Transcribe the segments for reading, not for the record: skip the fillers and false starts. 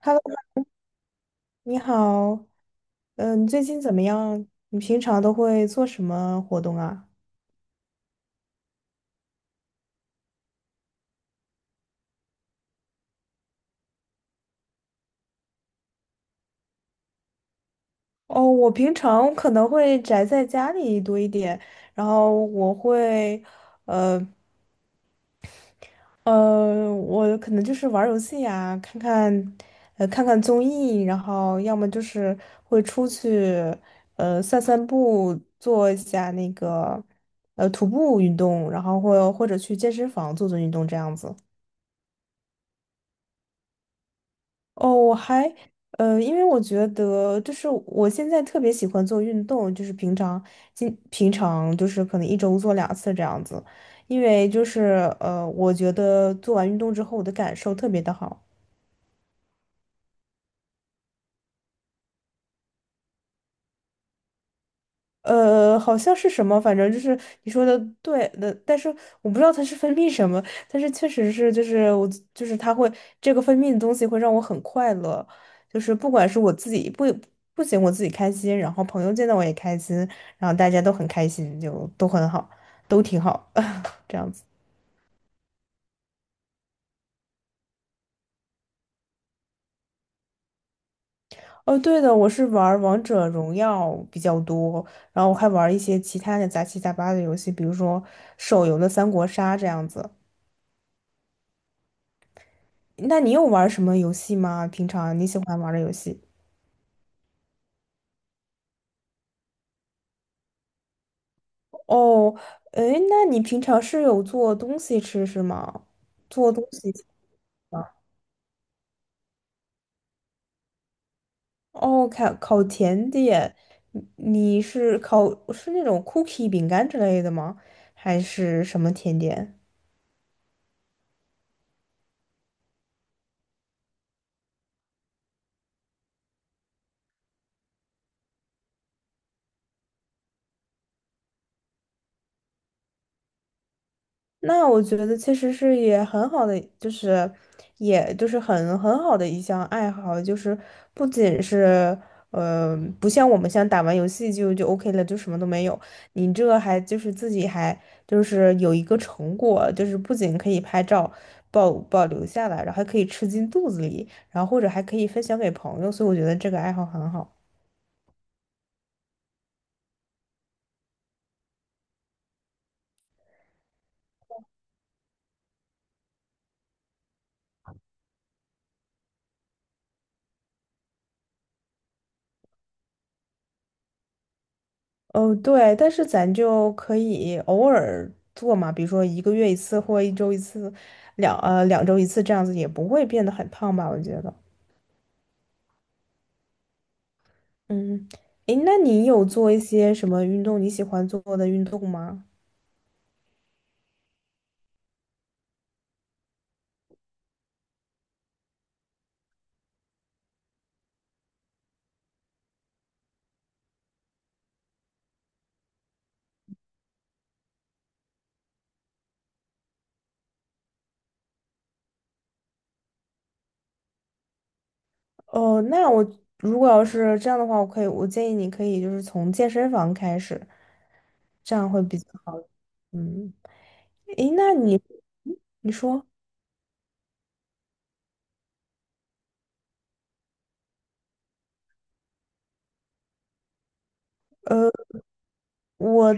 Hello，你好，嗯，你最近怎么样？你平常都会做什么活动啊？哦，我平常可能会宅在家里多一点，然后我会，呃我可能就是玩儿游戏呀，看看，看看综艺，然后要么就是会出去，散散步，做一下那个，徒步运动，然后或者去健身房做做运动这样子。哦，我还因为我觉得就是我现在特别喜欢做运动，就是平常平常就是可能一周做两次这样子，因为就是我觉得做完运动之后我的感受特别的好。好像是什么，反正就是你说的对的，但是我不知道它是分泌什么，但是确实是，就是我就是它会这个分泌的东西会让我很快乐，就是不管是我自己不不仅我自己开心，然后朋友见到我也开心，然后大家都很开心，就都很好，都挺好，这样子。哦，对的，我是玩儿王者荣耀比较多，然后我还玩儿一些其他的杂七杂八的游戏，比如说手游的三国杀这样子。那你有玩什么游戏吗？平常你喜欢玩的游戏？哦，诶，那你平常是有做东西吃是吗？做东西吃吗？哦，烤甜点，你是烤是那种 cookie 饼干之类的吗？还是什么甜点？那我觉得其实是也很好的，就是也就是很好的一项爱好，就是不仅是呃，不像我们像打完游戏就 OK 了，就什么都没有。你这还就是自己还就是有一个成果，就是不仅可以拍照保留下来，然后还可以吃进肚子里，然后或者还可以分享给朋友，所以我觉得这个爱好很好。哦，对，但是咱就可以偶尔做嘛，比如说一个月一次或一周一次，两周一次这样子，也不会变得很胖吧？我觉得。嗯，诶，那你有做一些什么运动你喜欢做的运动吗？哦，那我如果要是这样的话，我可以，我建议你可以就是从健身房开始，这样会比较好。嗯，诶，那你嗯你说。我。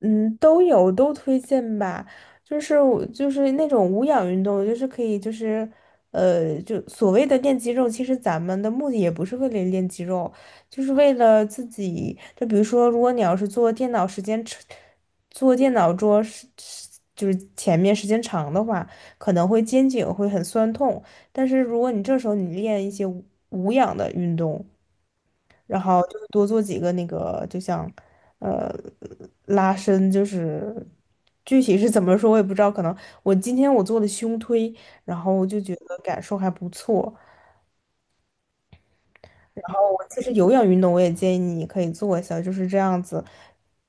嗯，都有都推荐吧，就是我就是那种无氧运动，就是可以就是呃，就所谓的练肌肉，其实咱们的目的也不是为了练肌肉，就是为了自己。就比如说，如果你要是坐电脑时间长，坐电脑桌是是就是前面时间长的话，可能会肩颈会很酸痛。但是如果你这时候你练一些无氧的运动，然后就是多做几个那个，就像呃拉伸，就是具体是怎么说我也不知道，可能我今天我做的胸推，然后我就觉得感受还不错。我其实有氧运动我也建议你可以做一下，就是这样子，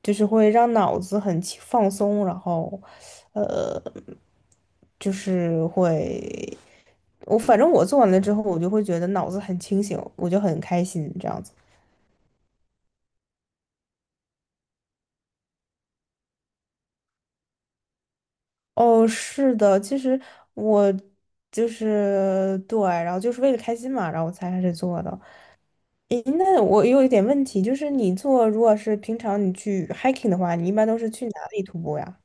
就是会让脑子很轻放松，然后就是会，我反正我做完了之后，我就会觉得脑子很清醒，我就很开心这样子。哦，是的，其实我就是对，然后就是为了开心嘛，然后我才开始做的。诶，那我有一点问题，就是你做，如果是平常你去 hiking 的话，你一般都是去哪里徒步呀？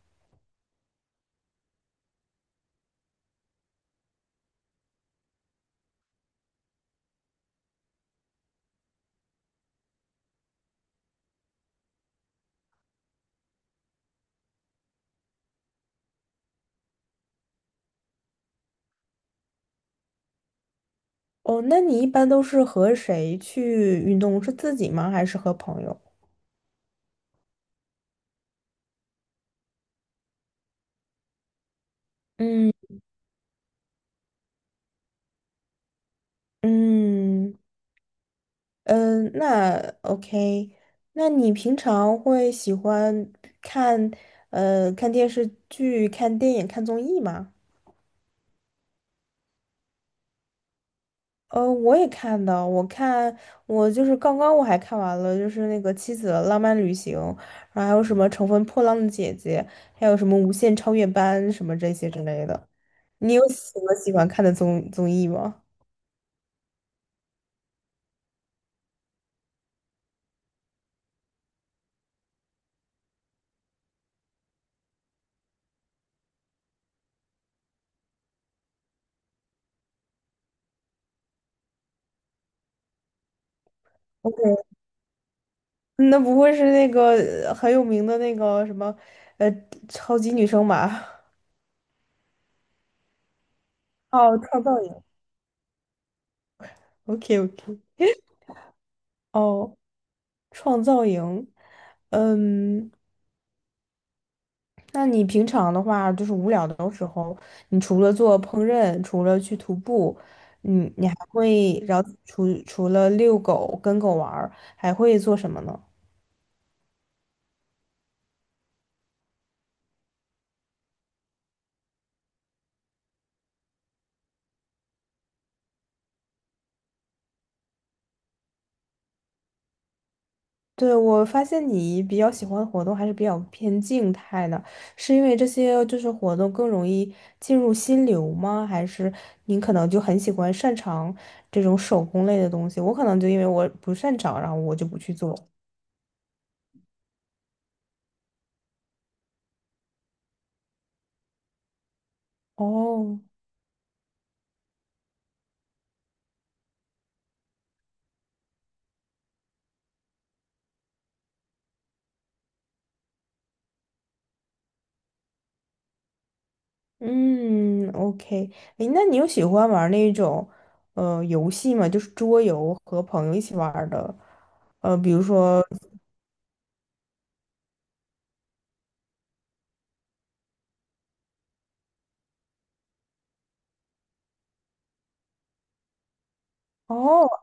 哦，那你一般都是和谁去运动？是自己吗？还是和朋友？嗯嗯嗯，那 OK，那你平常会喜欢看看电视剧、看电影、看综艺吗？我也看到，我看我就是刚刚我还看完了，就是那个《妻子的浪漫旅行》，然后还有什么《乘风破浪的姐姐》，还有什么《无限超越班》什么这些之类的。你有什么喜欢看的综艺吗？OK，那不会是那个很有名的那个什么，呃，超级女生吧？哦，创造营。OK OK。哦，创造营。嗯。那你平常的话，就是无聊的时候，你除了做烹饪，除了去徒步，你还会，然后除了遛狗、跟狗玩儿，还会做什么呢？对，我发现你比较喜欢的活动还是比较偏静态的，是因为这些就是活动更容易进入心流吗？还是你可能就很喜欢擅长这种手工类的东西？我可能就因为我不擅长，然后我就不去做。哦，嗯，OK，哎，那你有喜欢玩那种游戏吗？就是桌游和朋友一起玩儿的，呃，比如说，哦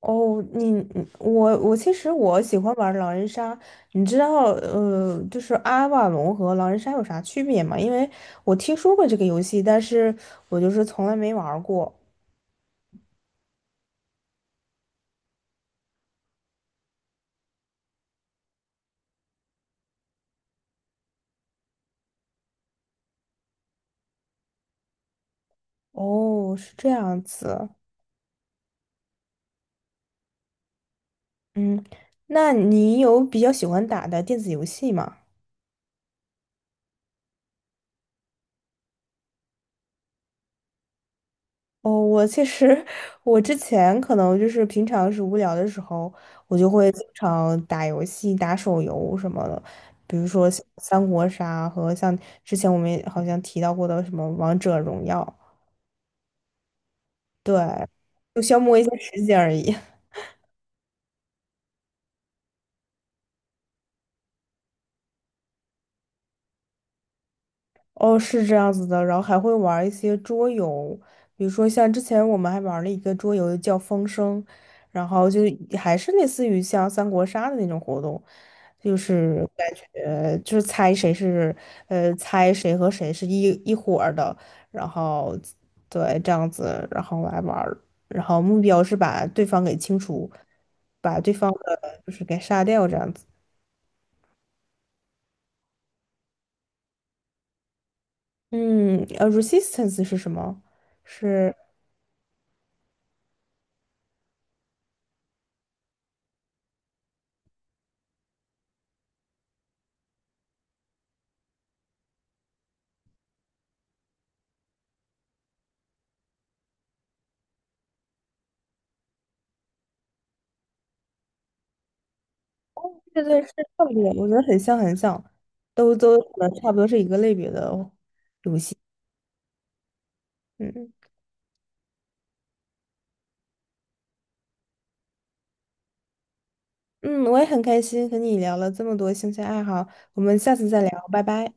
哦，你你我我其实我喜欢玩狼人杀，你知道就是阿瓦隆和狼人杀有啥区别吗？因为我听说过这个游戏，但是我就是从来没玩儿过。哦，是这样子，嗯，那你有比较喜欢打的电子游戏吗？哦，我其实我之前可能就是平常是无聊的时候，我就会经常打游戏、打手游什么的，比如说像三国杀和像之前我们也好像提到过的什么王者荣耀，对，就消磨一下时间而已。哦，是这样子的，然后还会玩一些桌游，比如说像之前我们还玩了一个桌游叫《风声》，然后就还是类似于像三国杀的那种活动，就是感觉就是猜谁是猜谁和谁是一伙儿的，然后对这样子，然后来玩儿然后目标是把对方给清除，把对方的就是给杀掉这样子。嗯，resistance 是什么？是？对对，是差不多，我觉得很像，都都呃差不多是一个类别的哦。嗯嗯，我也很开心和你聊了这么多兴趣爱好，我们下次再聊，拜拜。